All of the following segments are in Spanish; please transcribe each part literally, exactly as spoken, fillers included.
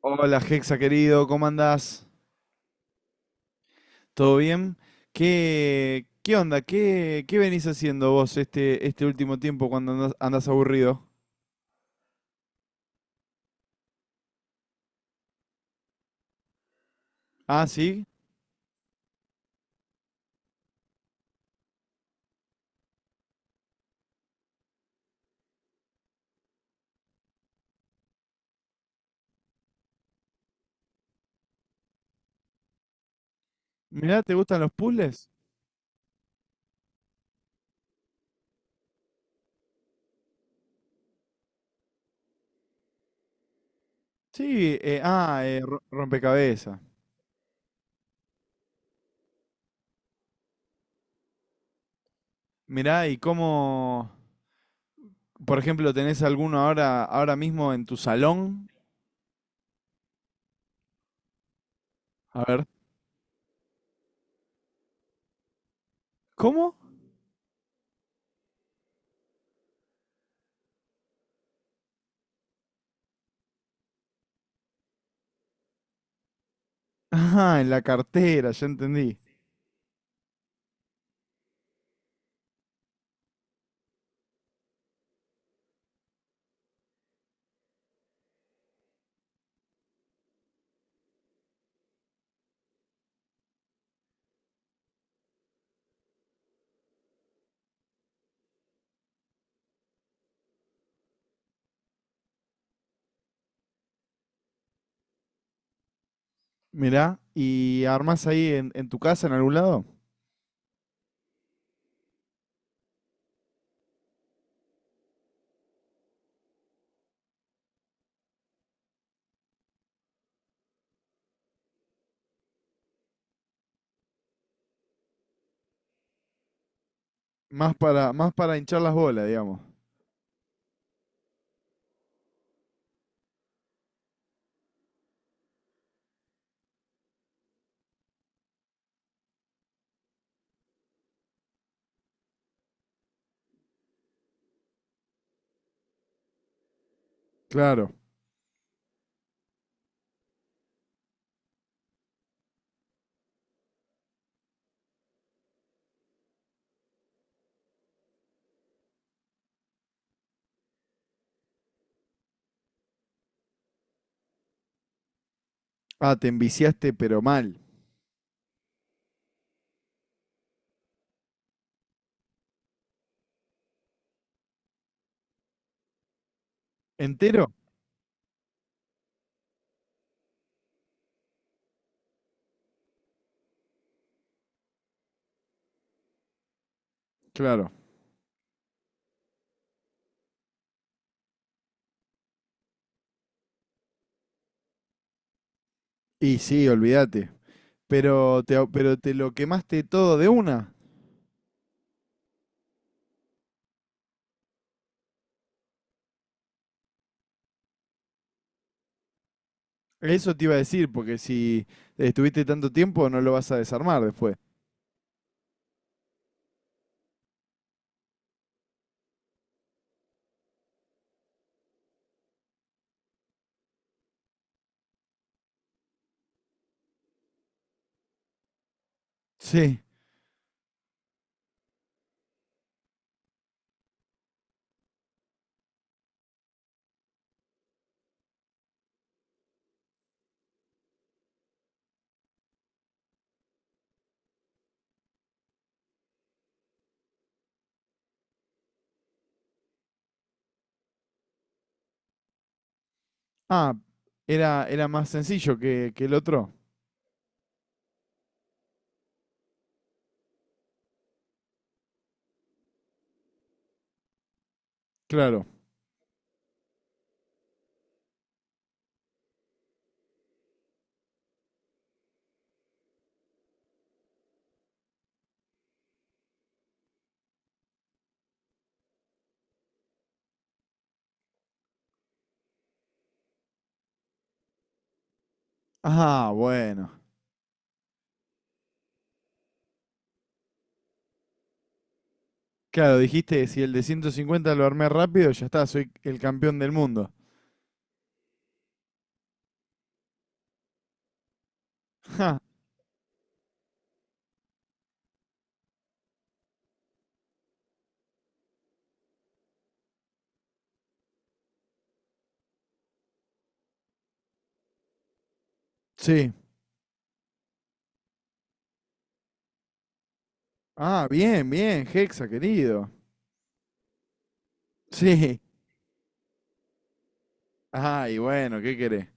Hola, Hexa querido, ¿cómo andás? ¿Todo bien? ¿Qué, qué onda? ¿Qué, qué venís haciendo vos este, este último tiempo cuando andás, andás aburrido? Ah, sí. Mirá, ¿te gustan los puzzles? Sí, eh, ah, eh, ro- rompecabezas. Mirá, ¿y cómo, por ejemplo, tenés alguno ahora, ahora mismo en tu salón? A ver. ¿Cómo? Ah, en la cartera, ya entendí. Mirá, ¿y armás ahí en, en tu casa en algún lado? Más para, más para hinchar las bolas, digamos. Claro. Ah, te enviciaste, pero mal. ¿Entero? Claro. Y sí, olvídate. Pero te, pero te lo quemaste todo de una. Eso te iba a decir, porque si estuviste tanto tiempo no lo vas a desarmar después. Sí. Ah, era, era más sencillo que, que el otro. Claro. Ah, bueno. Claro, dijiste, si el de ciento cincuenta lo armé rápido, ya está, soy el campeón del mundo. Ja, sí. Ah, bien, bien, Hexa, querido. Sí. Ay, bueno, ¿qué querés?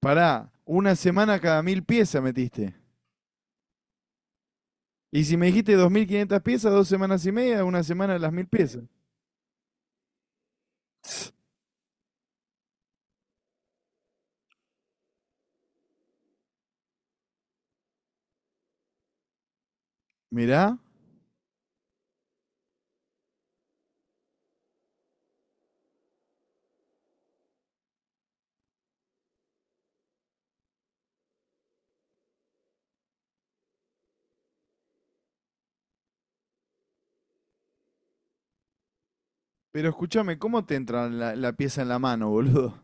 Pará, una semana cada mil piezas metiste. Y si me dijiste dos mil quinientas piezas, dos semanas y media, una semana las mil piezas. Mirá, pero escúchame, ¿cómo te entra la, la pieza en la mano, boludo?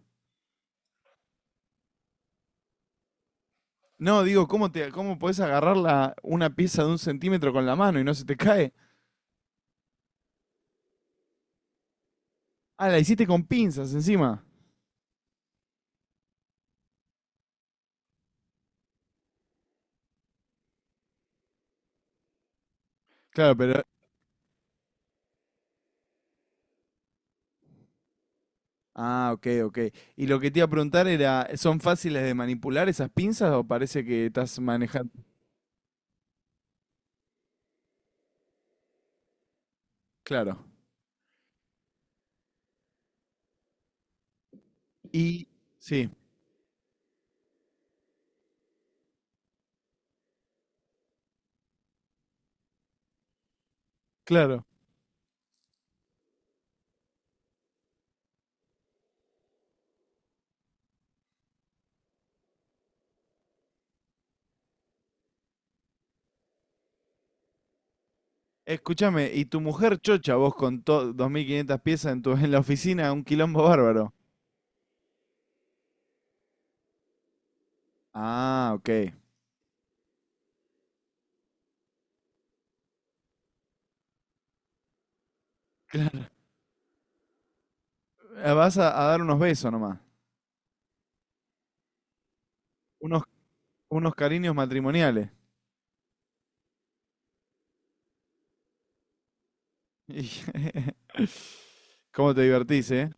No, digo, ¿cómo, te, cómo podés agarrar la- una pieza de un centímetro con la mano y no se te cae? Ah, la hiciste con pinzas encima. Claro, pero. Ah, ok, ok. Y lo que te iba a preguntar era, ¿son fáciles de manipular esas pinzas o parece que estás manejando? Claro. Y... Sí, claro. Escúchame, y tu mujer chocha vos con to- dos mil quinientas piezas en, tu, en la oficina, un quilombo bárbaro. Ah, ok. Eh, Vas a, a dar unos besos nomás, unos, unos cariños matrimoniales. Y- ¿Cómo te divertís, eh?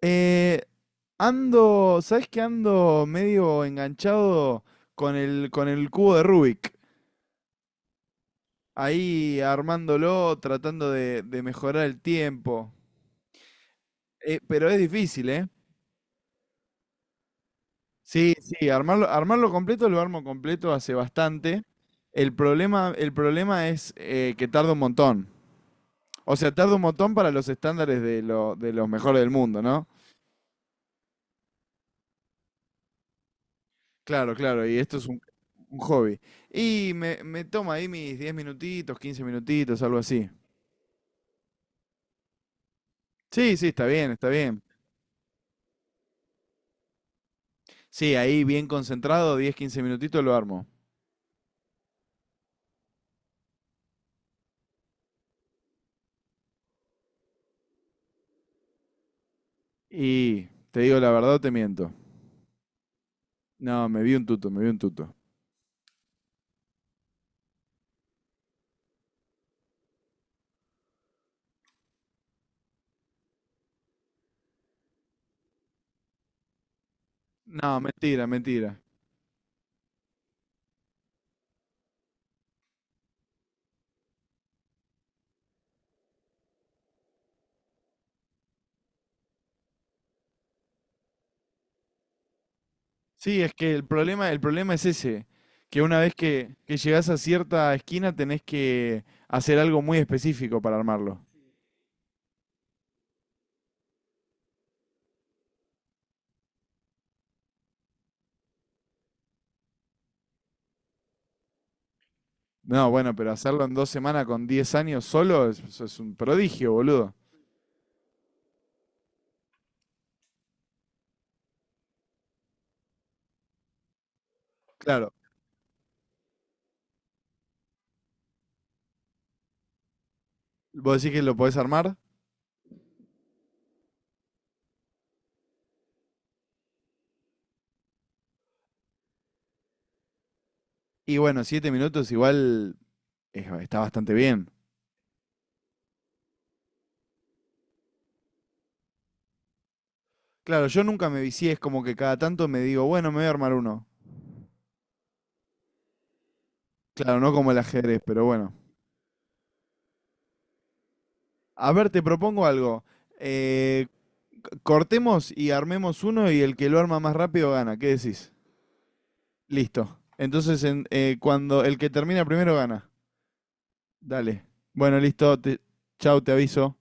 Eh, ando, ¿sabés que ando medio enganchado con el, con el cubo de Rubik? Ahí armándolo, tratando de, de mejorar el tiempo. Eh, pero es difícil, ¿eh? Sí, sí, armarlo, armarlo completo, lo armo completo hace bastante. El problema, el problema es eh, que tarda un montón. O sea, tarda un montón para los estándares de, lo- de los mejores del mundo, ¿no? Claro, claro, y esto es un, un hobby. Y me, me toma ahí mis diez minutitos, quince minutitos, algo así. Sí, sí, está bien, está bien. Sí, ahí bien concentrado, diez, quince minutitos lo armo. Y te digo la verdad, o te miento. No, me vi un tuto, me vi un tuto. No, mentira, mentira. Sí, es que el problema, el problema es ese, que una vez que, que llegás a cierta esquina tenés que hacer algo muy específico para armarlo. No, bueno, pero hacerlo en dos semanas con diez años solo es, eso es un prodigio, boludo. Claro, vos decís que lo podés armar y bueno, siete minutos igual es- está bastante bien. Claro, yo nunca me vicié, es como que cada tanto me digo, bueno, me voy a armar uno. Claro, no como el ajedrez, pero bueno. A ver, te propongo algo. Eh, Cortemos y armemos uno y el que lo arma más rápido gana. ¿Qué decís? Listo. Entonces, en- eh, cuando el que termina primero gana. Dale. Bueno, listo. Te, chau, te aviso.